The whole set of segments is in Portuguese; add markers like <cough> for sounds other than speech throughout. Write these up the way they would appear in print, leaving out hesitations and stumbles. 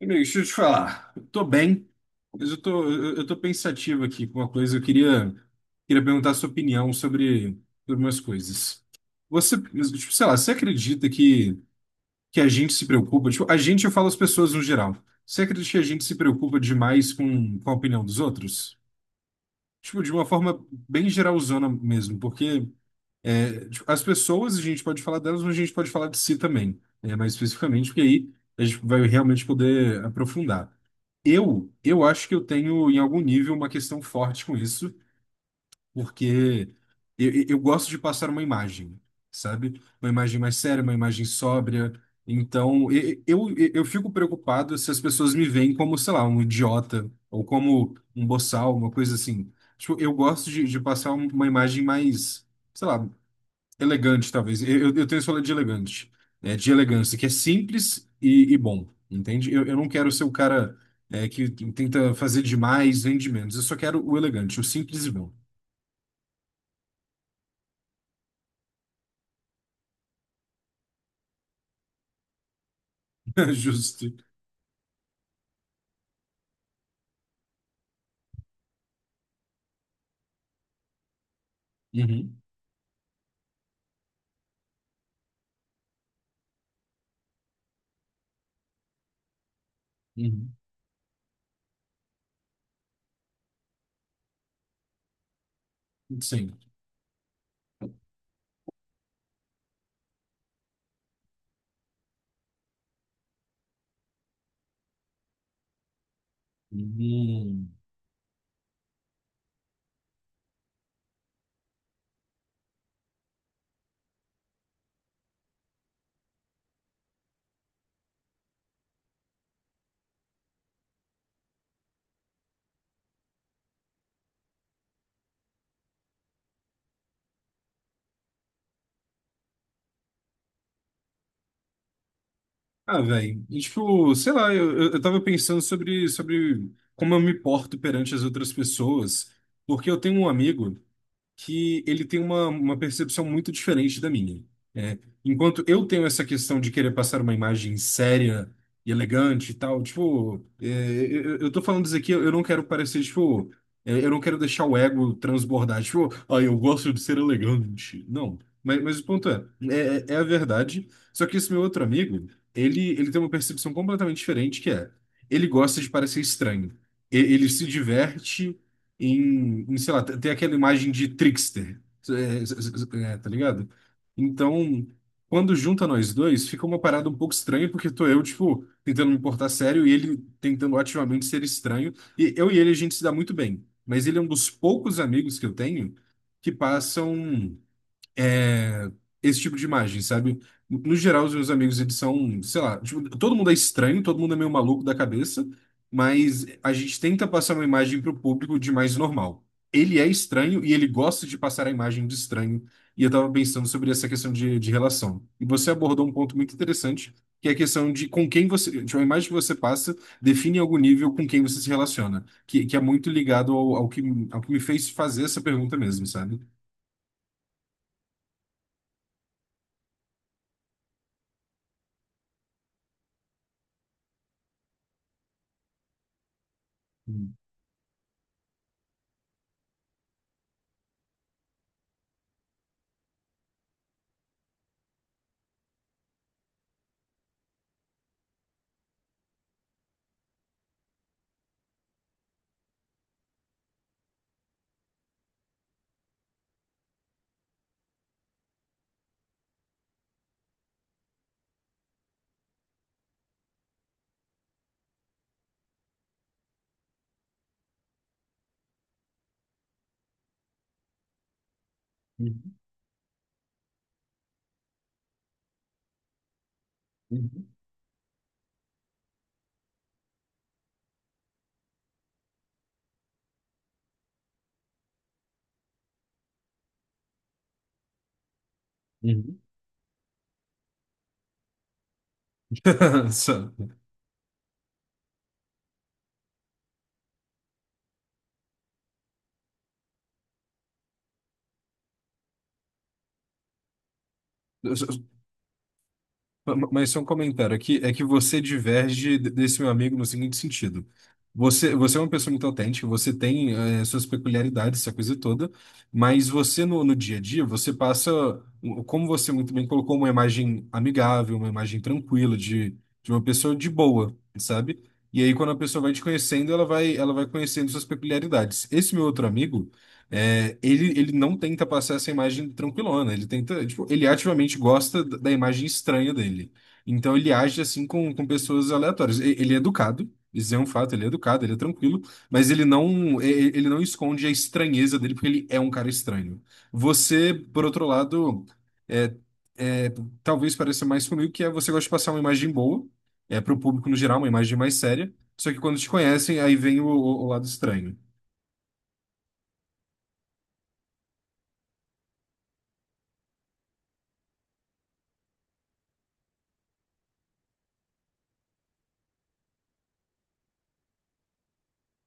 Amigo, deixa eu te falar. Eu tô bem, mas eu tô pensativo aqui com uma coisa. Eu queria perguntar a sua opinião sobre umas coisas. Você, tipo, sei lá, você acredita que a gente se preocupa? Tipo, a gente, eu falo as pessoas no geral. Você acredita que a gente se preocupa demais com a opinião dos outros? Tipo, de uma forma bem geralzona mesmo, porque tipo, as pessoas, a gente pode falar delas, mas a gente pode falar de si também, mais especificamente, porque aí a gente vai realmente poder aprofundar. Eu acho que eu tenho, em algum nível, uma questão forte com isso, porque eu gosto de passar uma imagem, sabe? Uma imagem mais séria, uma imagem sóbria. Então, eu fico preocupado se as pessoas me veem como, sei lá, um idiota ou como um boçal, uma coisa assim. Tipo, eu gosto de passar uma imagem mais, sei lá, elegante, talvez. Eu tenho esse rolê de elegante, né? De elegância, que é simples e bom, entende? Eu não quero ser o cara, que tenta fazer demais, vende menos. Eu só quero o elegante, o simples e bom. <laughs> Justo. Uhum, uhum, sim. Uhum. Ah, velho. Tipo, sei lá, eu tava pensando sobre como eu me porto perante as outras pessoas, porque eu tenho um amigo que ele tem uma percepção muito diferente da minha. É, enquanto eu tenho essa questão de querer passar uma imagem séria e elegante e tal, tipo, eu tô falando isso aqui, eu não quero parecer, tipo, eu não quero deixar o ego transbordar, tipo, ah, eu gosto de ser elegante. Não, mas o ponto é a verdade, só que esse meu outro amigo, ele tem uma percepção completamente diferente, que é, ele gosta de parecer estranho. Ele se diverte em, sei lá, tem aquela imagem de trickster, tá ligado? Então, quando junta nós dois, fica uma parada um pouco estranha, porque tô eu, tipo, tentando me portar sério e ele tentando ativamente ser estranho. E eu e ele, a gente se dá muito bem, mas ele é um dos poucos amigos que eu tenho que passam é, esse tipo de imagem, sabe? No geral, os meus amigos, eles são, sei lá, tipo, todo mundo é estranho, todo mundo é meio maluco da cabeça, mas a gente tenta passar uma imagem pro público de mais normal. Ele é estranho e ele gosta de passar a imagem de estranho. E eu tava pensando sobre essa questão de relação. E você abordou um ponto muito interessante, que é a questão de com quem você, tipo, a imagem que você passa define em algum nível com quem você se relaciona, que é muito ligado ao que me fez fazer essa pergunta mesmo, sabe? Uhum, uhum. Uhum. <laughs> Só- só- Mas só um comentário aqui, é que você diverge desse meu amigo no seguinte sentido. Você é uma pessoa muito autêntica, você tem suas peculiaridades, essa coisa toda, mas você no dia a dia, você passa, como você muito bem colocou, uma imagem amigável, uma imagem tranquila de uma pessoa de boa, sabe? E aí quando a pessoa vai te conhecendo, ela vai conhecendo suas peculiaridades. Esse meu outro amigo, ele não tenta passar essa imagem tranquilona, ele tenta, tipo, ele ativamente gosta da imagem estranha dele. Então ele age assim com pessoas aleatórias. Ele é educado, isso é um fato, ele é educado, ele é tranquilo, mas ele não esconde a estranheza dele porque ele é um cara estranho. Você, por outro lado, é, é, talvez pareça mais comigo que é você gosta de passar uma imagem boa, é para o público no geral, uma imagem mais séria, só que quando te conhecem, aí vem o lado estranho.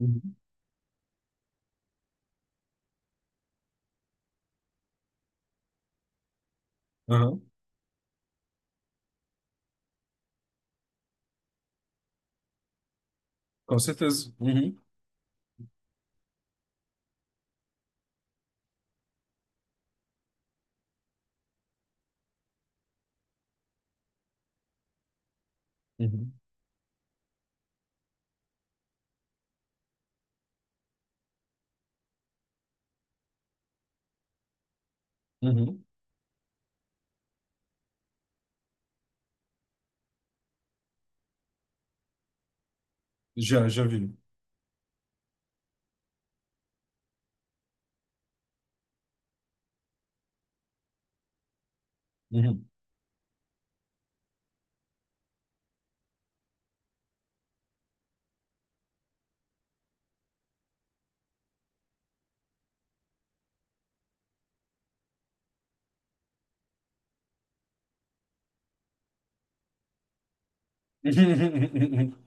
Uhum. Com certeza. Uhum, uhum, uhum. Já, já vi. Uhum. <laughs>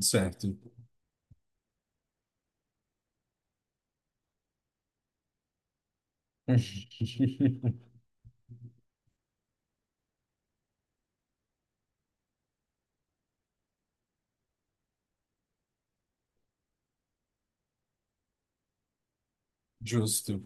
Certo. <laughs> Justo.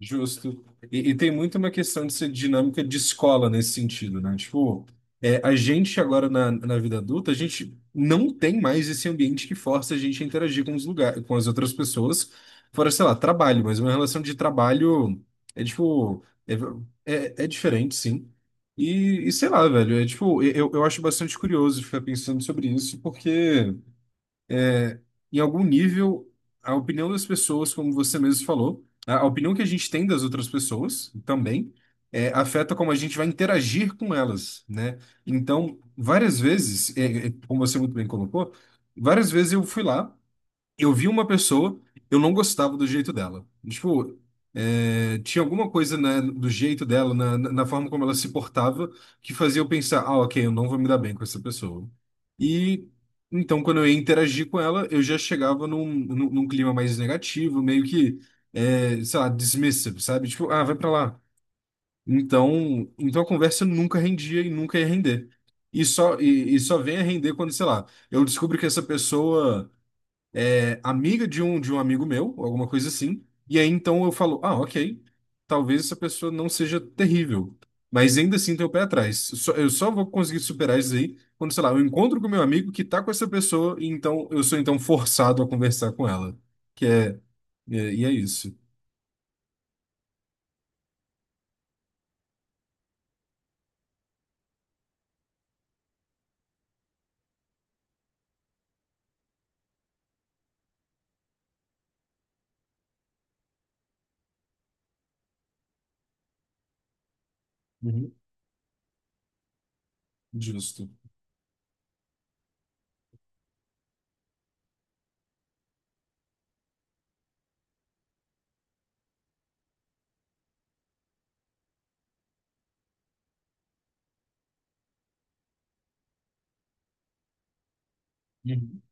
Justo. E tem muito uma questão de ser dinâmica de escola nesse sentido, né? Tipo, a gente agora na vida adulta, a gente não tem mais esse ambiente que força a gente a interagir com os lugares, com as outras pessoas, fora, sei lá, trabalho, mas uma relação de trabalho é tipo, é, é diferente, sim. E sei lá, velho, é tipo, eu acho bastante curioso ficar pensando sobre isso, porque em algum nível, a opinião das pessoas, como você mesmo falou, a opinião que a gente tem das outras pessoas também, afeta como a gente vai interagir com elas, né? Então, várias vezes, como você muito bem colocou, várias vezes eu fui lá eu vi uma pessoa, eu não gostava do jeito dela. Tipo, tinha alguma coisa do jeito dela, na forma como ela se portava, que fazia eu pensar, ah, ok, eu não vou me dar bem com essa pessoa. E então, quando eu ia interagir com ela, eu já chegava num clima mais negativo, meio que, sei lá, dismissive, sabe? Tipo, ah, vai pra lá. Então a conversa nunca rendia e nunca ia render. E só vem a render quando, sei lá, eu descubro que essa pessoa é amiga de um amigo meu, ou alguma coisa assim. E aí então eu falo, ah, ok, talvez essa pessoa não seja terrível, mas ainda assim tem o pé atrás. Eu só vou conseguir superar isso aí quando, sei lá, eu encontro com meu amigo que tá com essa pessoa e então eu sou então forçado a conversar com ela, que é e é e é isso. Uhum. Justo. Uhum.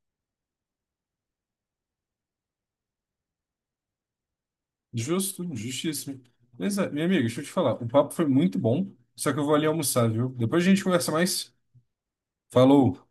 Justo, justíssimo. Mas, minha amiga, deixa eu te falar. O papo foi muito bom, só que eu vou ali almoçar, viu? Depois a gente conversa mais. Falou!